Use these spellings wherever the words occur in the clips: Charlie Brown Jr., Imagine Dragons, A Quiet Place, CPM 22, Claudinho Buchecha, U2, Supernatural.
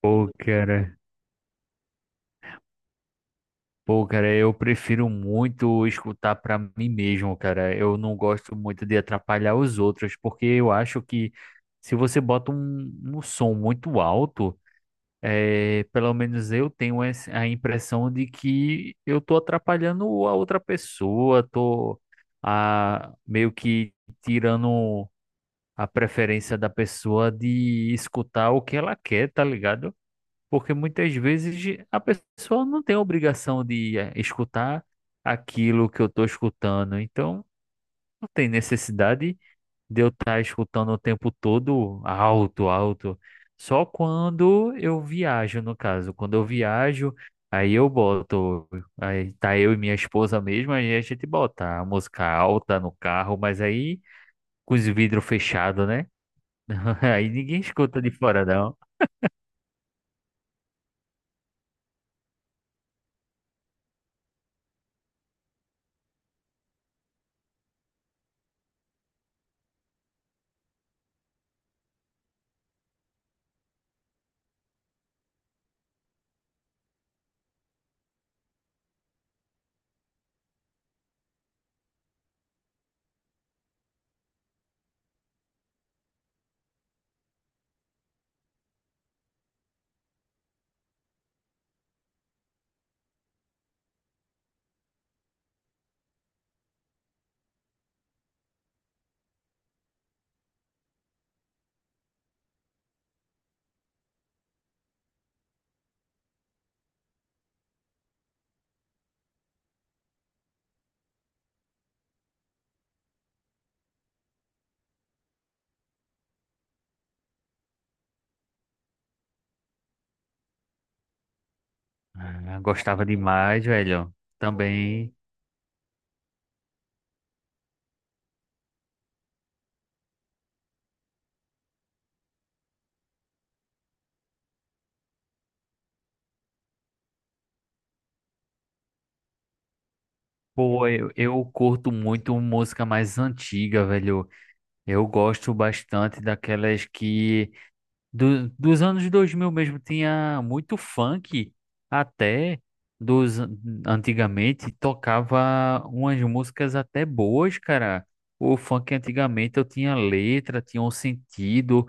Pô, cara. Pô, cara, eu prefiro muito escutar pra mim mesmo, cara. Eu não gosto muito de atrapalhar os outros, porque eu acho que se você bota um som muito alto, é, pelo menos eu tenho a impressão de que eu tô atrapalhando a outra pessoa, tô meio que tirando a preferência da pessoa de escutar o que ela quer, tá ligado? Porque muitas vezes a pessoa não tem a obrigação de escutar aquilo que eu estou escutando. Então, não tem necessidade de eu estar escutando o tempo todo alto, alto. Só quando eu viajo, no caso. Quando eu viajo, aí eu boto. Aí tá eu e minha esposa mesmo, aí a gente bota a música alta no carro, mas aí com os vidros fechados, né? Aí ninguém escuta de fora, não. Ah, gostava demais, velho. Também. Pô, eu curto muito música mais antiga, velho. Eu gosto bastante daquelas que dos anos 2000 mesmo tinha muito funk, até dos antigamente tocava umas músicas até boas, cara. O funk antigamente eu tinha letra, tinha um sentido,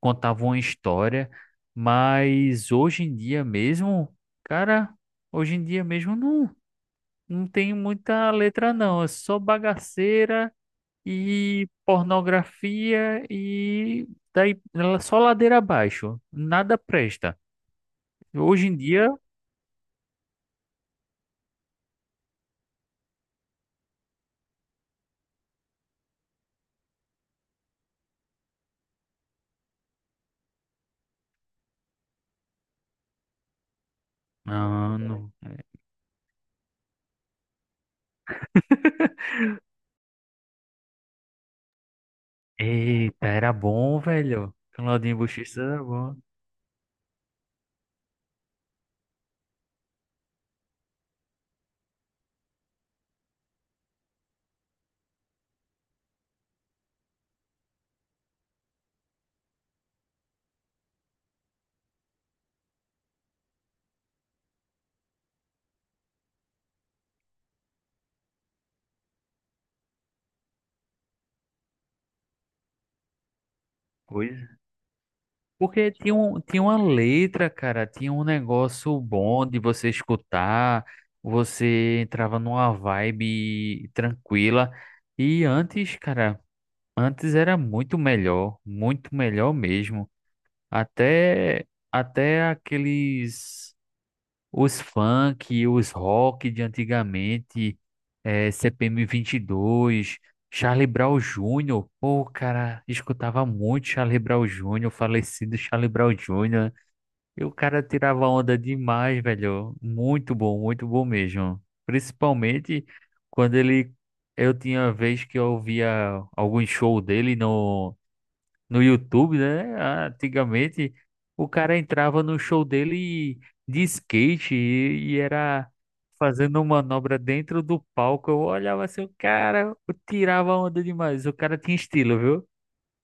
contava uma história, mas hoje em dia mesmo, cara, hoje em dia mesmo não. Não tem muita letra, não. É só bagaceira e pornografia e daí ela só ladeira abaixo. Nada presta. Hoje em dia. Ah, não. Eita, era bom, velho. Claudinho Buchecha era bom. Coisa. Porque tinha uma letra, cara. Tinha um negócio bom de você escutar. Você entrava numa vibe tranquila. E antes, cara. Antes era muito melhor mesmo. Até até aqueles os funk, os rock de antigamente, CPM 22, Charlie Brown Jr. Pô, cara, escutava muito Charlie Brown Jr., falecido Charlie Brown Jr. E o cara tirava onda demais, velho. Muito bom mesmo. Principalmente quando ele eu tinha uma vez que eu via algum show dele no YouTube, né? Antigamente, o cara entrava no show dele de skate e era fazendo manobra dentro do palco. Eu olhava assim, o cara eu tirava onda demais. O cara tinha estilo, viu?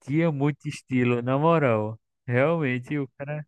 Tinha muito estilo, na moral. Realmente, o cara.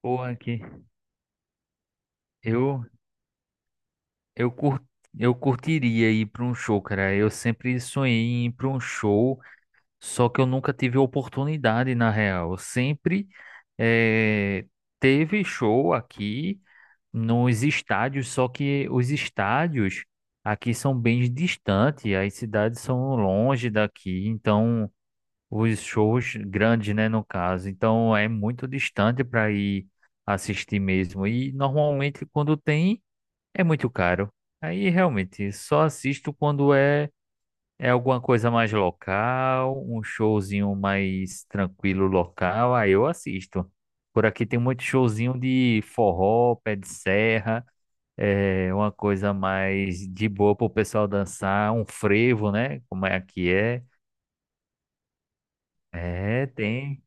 Porra, aqui. Eu, eu, cur... eu curtiria ir pra um show, cara. Eu sempre sonhei em ir pra um show. Só que eu nunca tive oportunidade, na real. Sempre eh, teve show aqui nos estádios, só que os estádios aqui são bem distantes, as cidades são longe daqui, então os shows grandes, né, no caso. Então é muito distante para ir assistir mesmo. E normalmente quando tem, é muito caro. Aí realmente só assisto quando é. É alguma coisa mais local, um showzinho mais tranquilo local, aí eu assisto. Por aqui tem muito showzinho de forró, pé de serra, é uma coisa mais de boa pro pessoal dançar, um frevo, né? Como é que é? É, tem.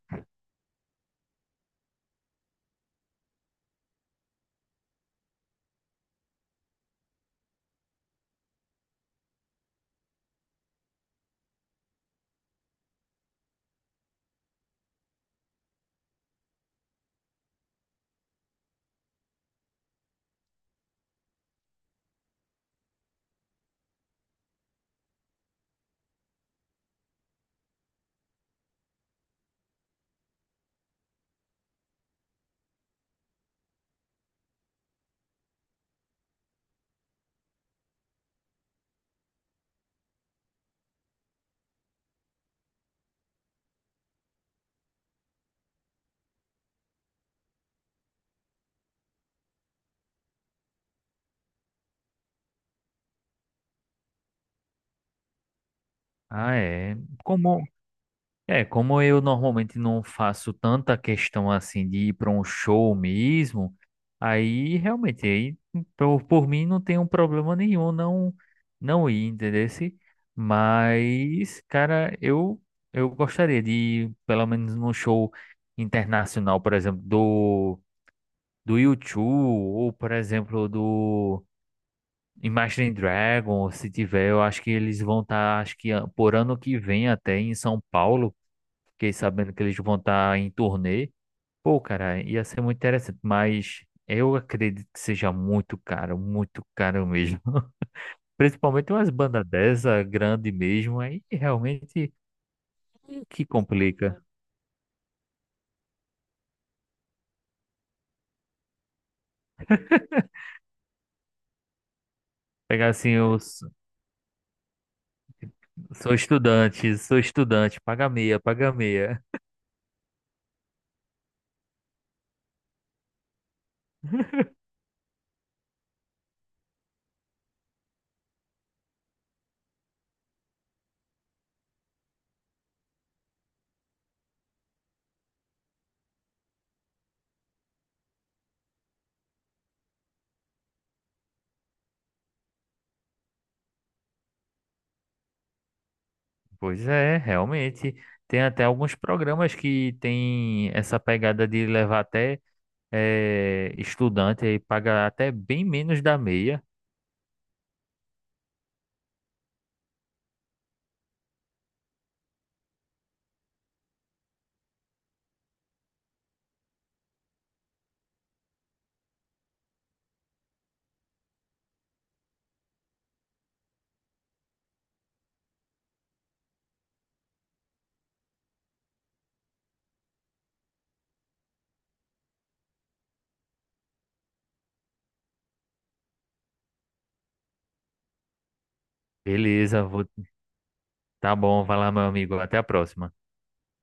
Ah, é. Como É, como eu normalmente não faço tanta questão assim de ir para um show mesmo, aí realmente aí por mim não tem um problema nenhum, não não ir, entendeu? Mas, cara, eu gostaria de ir pelo menos num show internacional, por exemplo, do U2, ou por exemplo do Imagine Dragons, se tiver. Eu acho que eles vão estar, acho que por ano que vem até em São Paulo. Fiquei sabendo que eles vão estar em turnê. Pô, cara, ia ser muito interessante, mas eu acredito que seja muito caro mesmo. Principalmente umas bandas dessa, grande mesmo, aí realmente que complica. Pegar assim, sou estudante, paga meia, paga meia. Pois é, realmente. Tem até alguns programas que tem essa pegada de levar até estudante e paga até bem menos da meia. Beleza, tá bom, vai lá, meu amigo. Até a próxima.